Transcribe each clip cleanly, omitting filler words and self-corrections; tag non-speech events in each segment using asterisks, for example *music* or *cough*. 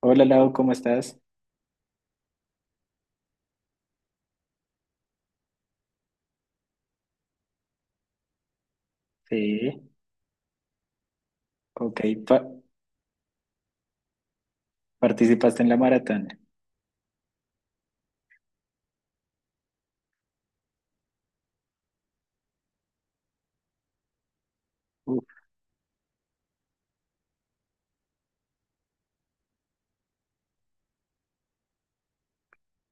Hola Lau, ¿cómo estás? Sí, ok. pa- ¿Participaste en la maratón? Uf,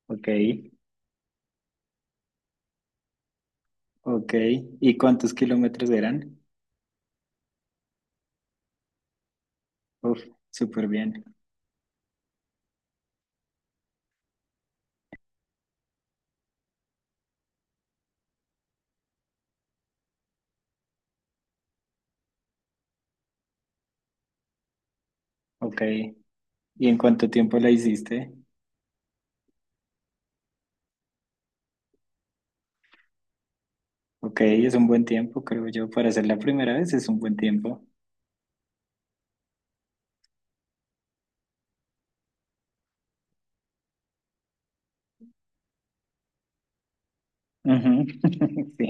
ok, ok. ¿Y cuántos kilómetros eran? Uf, súper bien. Ok. ¿Y en cuánto tiempo la hiciste? Ok, es un buen tiempo, creo yo. Para hacer la primera vez es un buen tiempo. Ujú, *laughs* sí,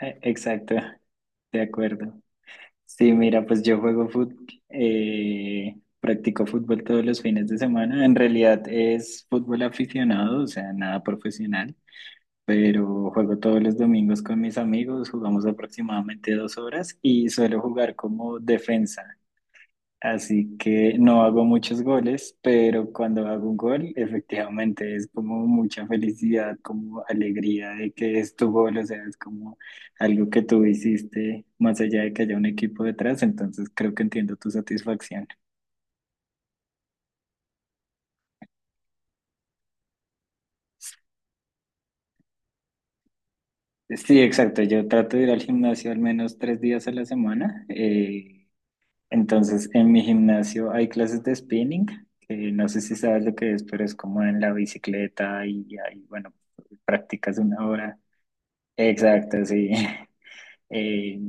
exacto, de acuerdo. Sí, mira, pues yo juego fútbol, practico fútbol todos los fines de semana. En realidad es fútbol aficionado, o sea, nada profesional, pero juego todos los domingos con mis amigos, jugamos aproximadamente 2 horas y suelo jugar como defensa. Así que no hago muchos goles, pero cuando hago un gol, efectivamente es como mucha felicidad, como alegría de que es tu gol, o sea, es como algo que tú hiciste, más allá de que haya un equipo detrás, entonces creo que entiendo tu satisfacción. Sí, exacto. Yo trato de ir al gimnasio al menos 3 días a la semana. Entonces, en mi gimnasio hay clases de spinning, que no sé si sabes lo que es, pero es como en la bicicleta y hay, bueno, prácticas 1 hora. Exacto, sí. *laughs* Eh,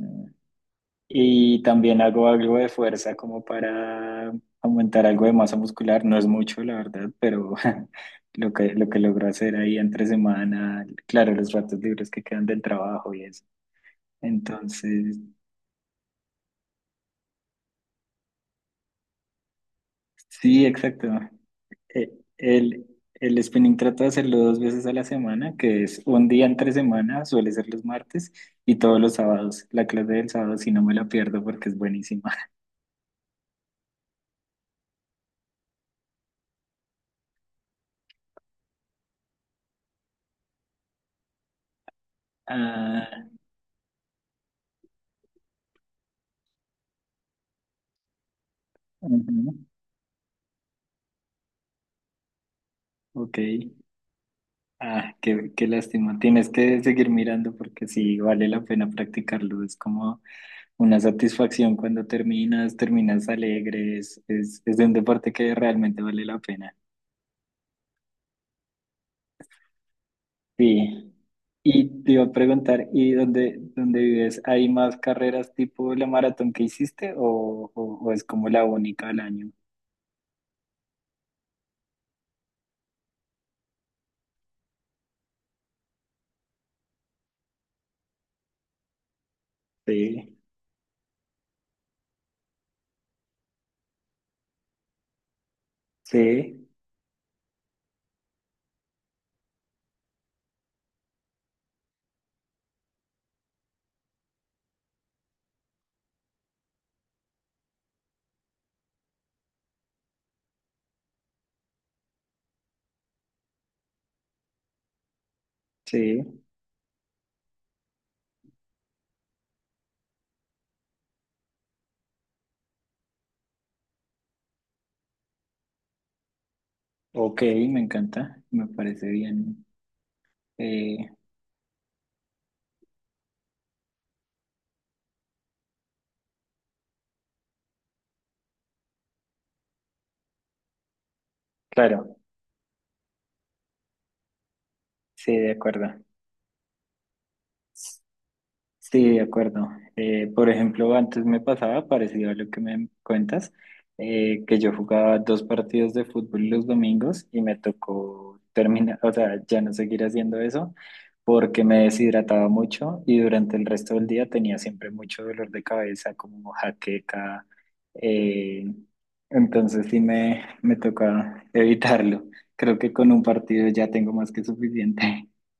y también hago algo de fuerza como para aumentar algo de masa muscular. No es mucho, la verdad, pero *laughs* lo que logro hacer ahí entre semana, claro, los ratos libres que quedan del trabajo y eso. Entonces, sí, exacto. Eh, El, el spinning trato de hacerlo 2 veces a la semana, que es un día entre semana, suele ser los martes y todos los sábados. La clase del sábado si no me la pierdo porque es buenísima. *laughs* Ah, ujú, ok. Ah, qué lástima. Tienes que seguir mirando porque sí vale la pena practicarlo. Es como una satisfacción cuando terminas, alegres. Es de un deporte que realmente vale la pena. Sí. Y te iba a preguntar, ¿y dónde vives? ¿Hay más carreras tipo la maratón que hiciste o, o es como la única al año? Sí, sí, sí. Ok, me encanta, me parece bien. Eh, claro, sí, de acuerdo. Sí, de acuerdo. Por ejemplo, antes me pasaba parecido a lo que me cuentas, que yo jugaba 2 partidos de fútbol los domingos y me tocó terminar, o sea, ya no seguir haciendo eso porque me deshidrataba mucho y durante el resto del día tenía siempre mucho dolor de cabeza, como jaqueca. eh, entonces sí me toca evitarlo. Creo que con un partido ya tengo más que suficiente. *laughs*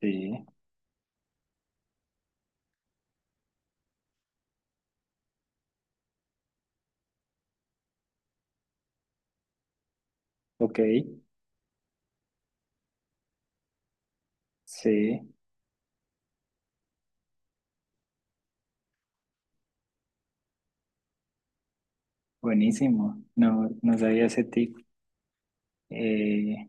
Sí, ok, sí. Buenísimo, no, no sabía ese tip. Eh,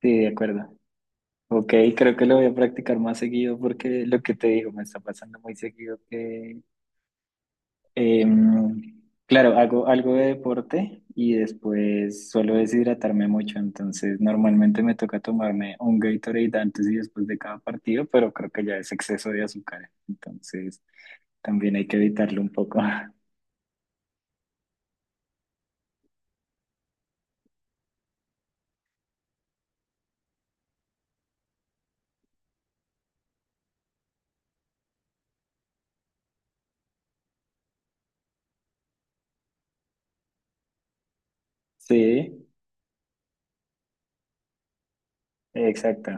sí, de acuerdo. Ok, creo que lo voy a practicar más seguido porque lo que te digo me está pasando muy seguido que, em, claro, hago algo de deporte y después suelo deshidratarme mucho, entonces normalmente me toca tomarme un Gatorade antes y después de cada partido, pero creo que ya es exceso de azúcar, entonces también hay que evitarlo un poco. *laughs* Sí, exacto.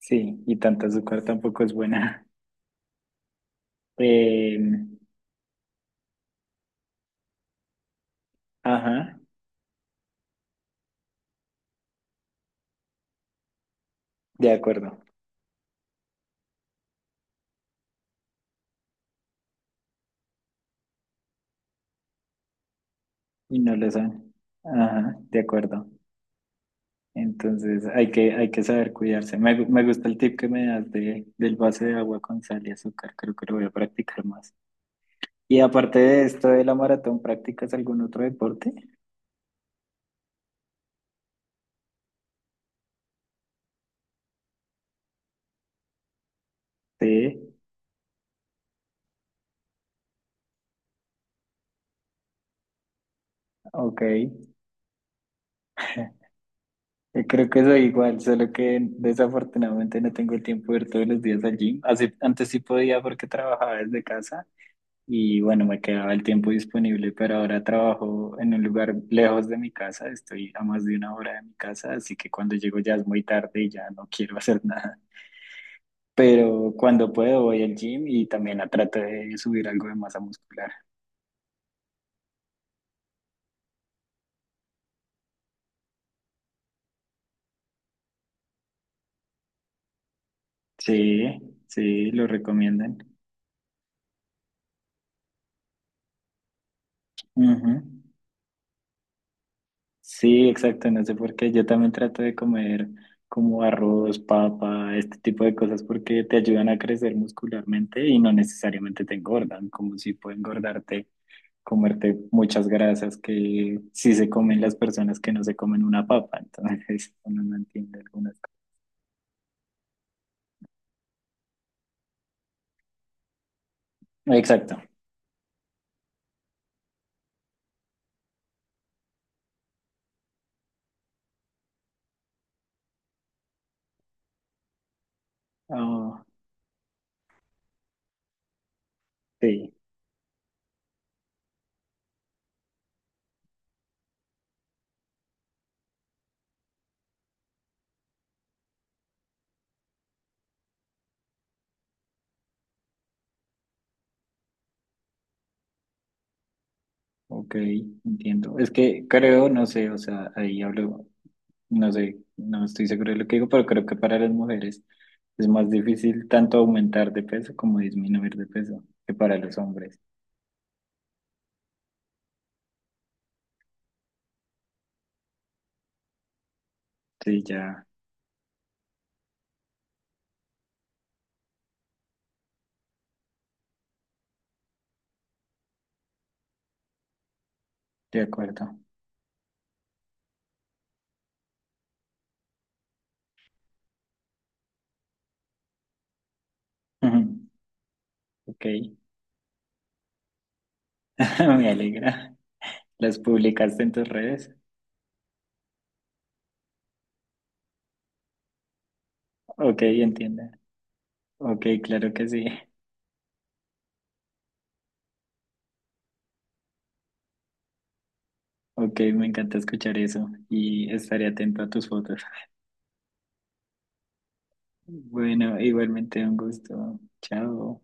Sí, y tanta azúcar tampoco es buena. Eh, ajá, de acuerdo. Y no lo saben. Ajá, de acuerdo. Entonces hay que saber cuidarse. Me gusta el tip que me das del vaso de agua con sal y azúcar. Creo que lo voy a practicar más. Y aparte de esto de la maratón, ¿practicas algún otro deporte? Sí, ok. *laughs* Yo creo que soy igual, solo que desafortunadamente no tengo el tiempo de ir todos los días al gym. Así, antes sí podía porque trabajaba desde casa y bueno, me quedaba el tiempo disponible, pero ahora trabajo en un lugar lejos de mi casa, estoy a más de 1 hora de mi casa, así que cuando llego ya es muy tarde y ya no quiero *laughs* hacer nada. Pero cuando puedo voy al gym y también a trato de subir algo de masa muscular. Sí, sí, lo recomiendan. Ujú. Sí, exacto, no sé por qué. Yo también trato de comer como arroz, papa, este tipo de cosas porque te ayudan a crecer muscularmente y no necesariamente te engordan, como si puede engordarte comerte muchas grasas que sí se comen las personas que no se comen una papa, entonces *laughs* uno no entiende algunas cosas. Exacto. Ah, sí, ok, entiendo. Es que creo, no sé, o sea, ahí hablo, no sé, no estoy seguro de lo que digo, pero creo que para las mujeres es más difícil tanto aumentar de peso como disminuir de peso que para los hombres. Sí, ya, de acuerdo. Ujú, ok, *laughs* me alegra. ¿Las publicaste en tus redes? Ok, entiendo. Ok, claro que sí. Ok, me encanta escuchar eso y estaré atento a tus fotos. Bueno, igualmente un gusto. Chao.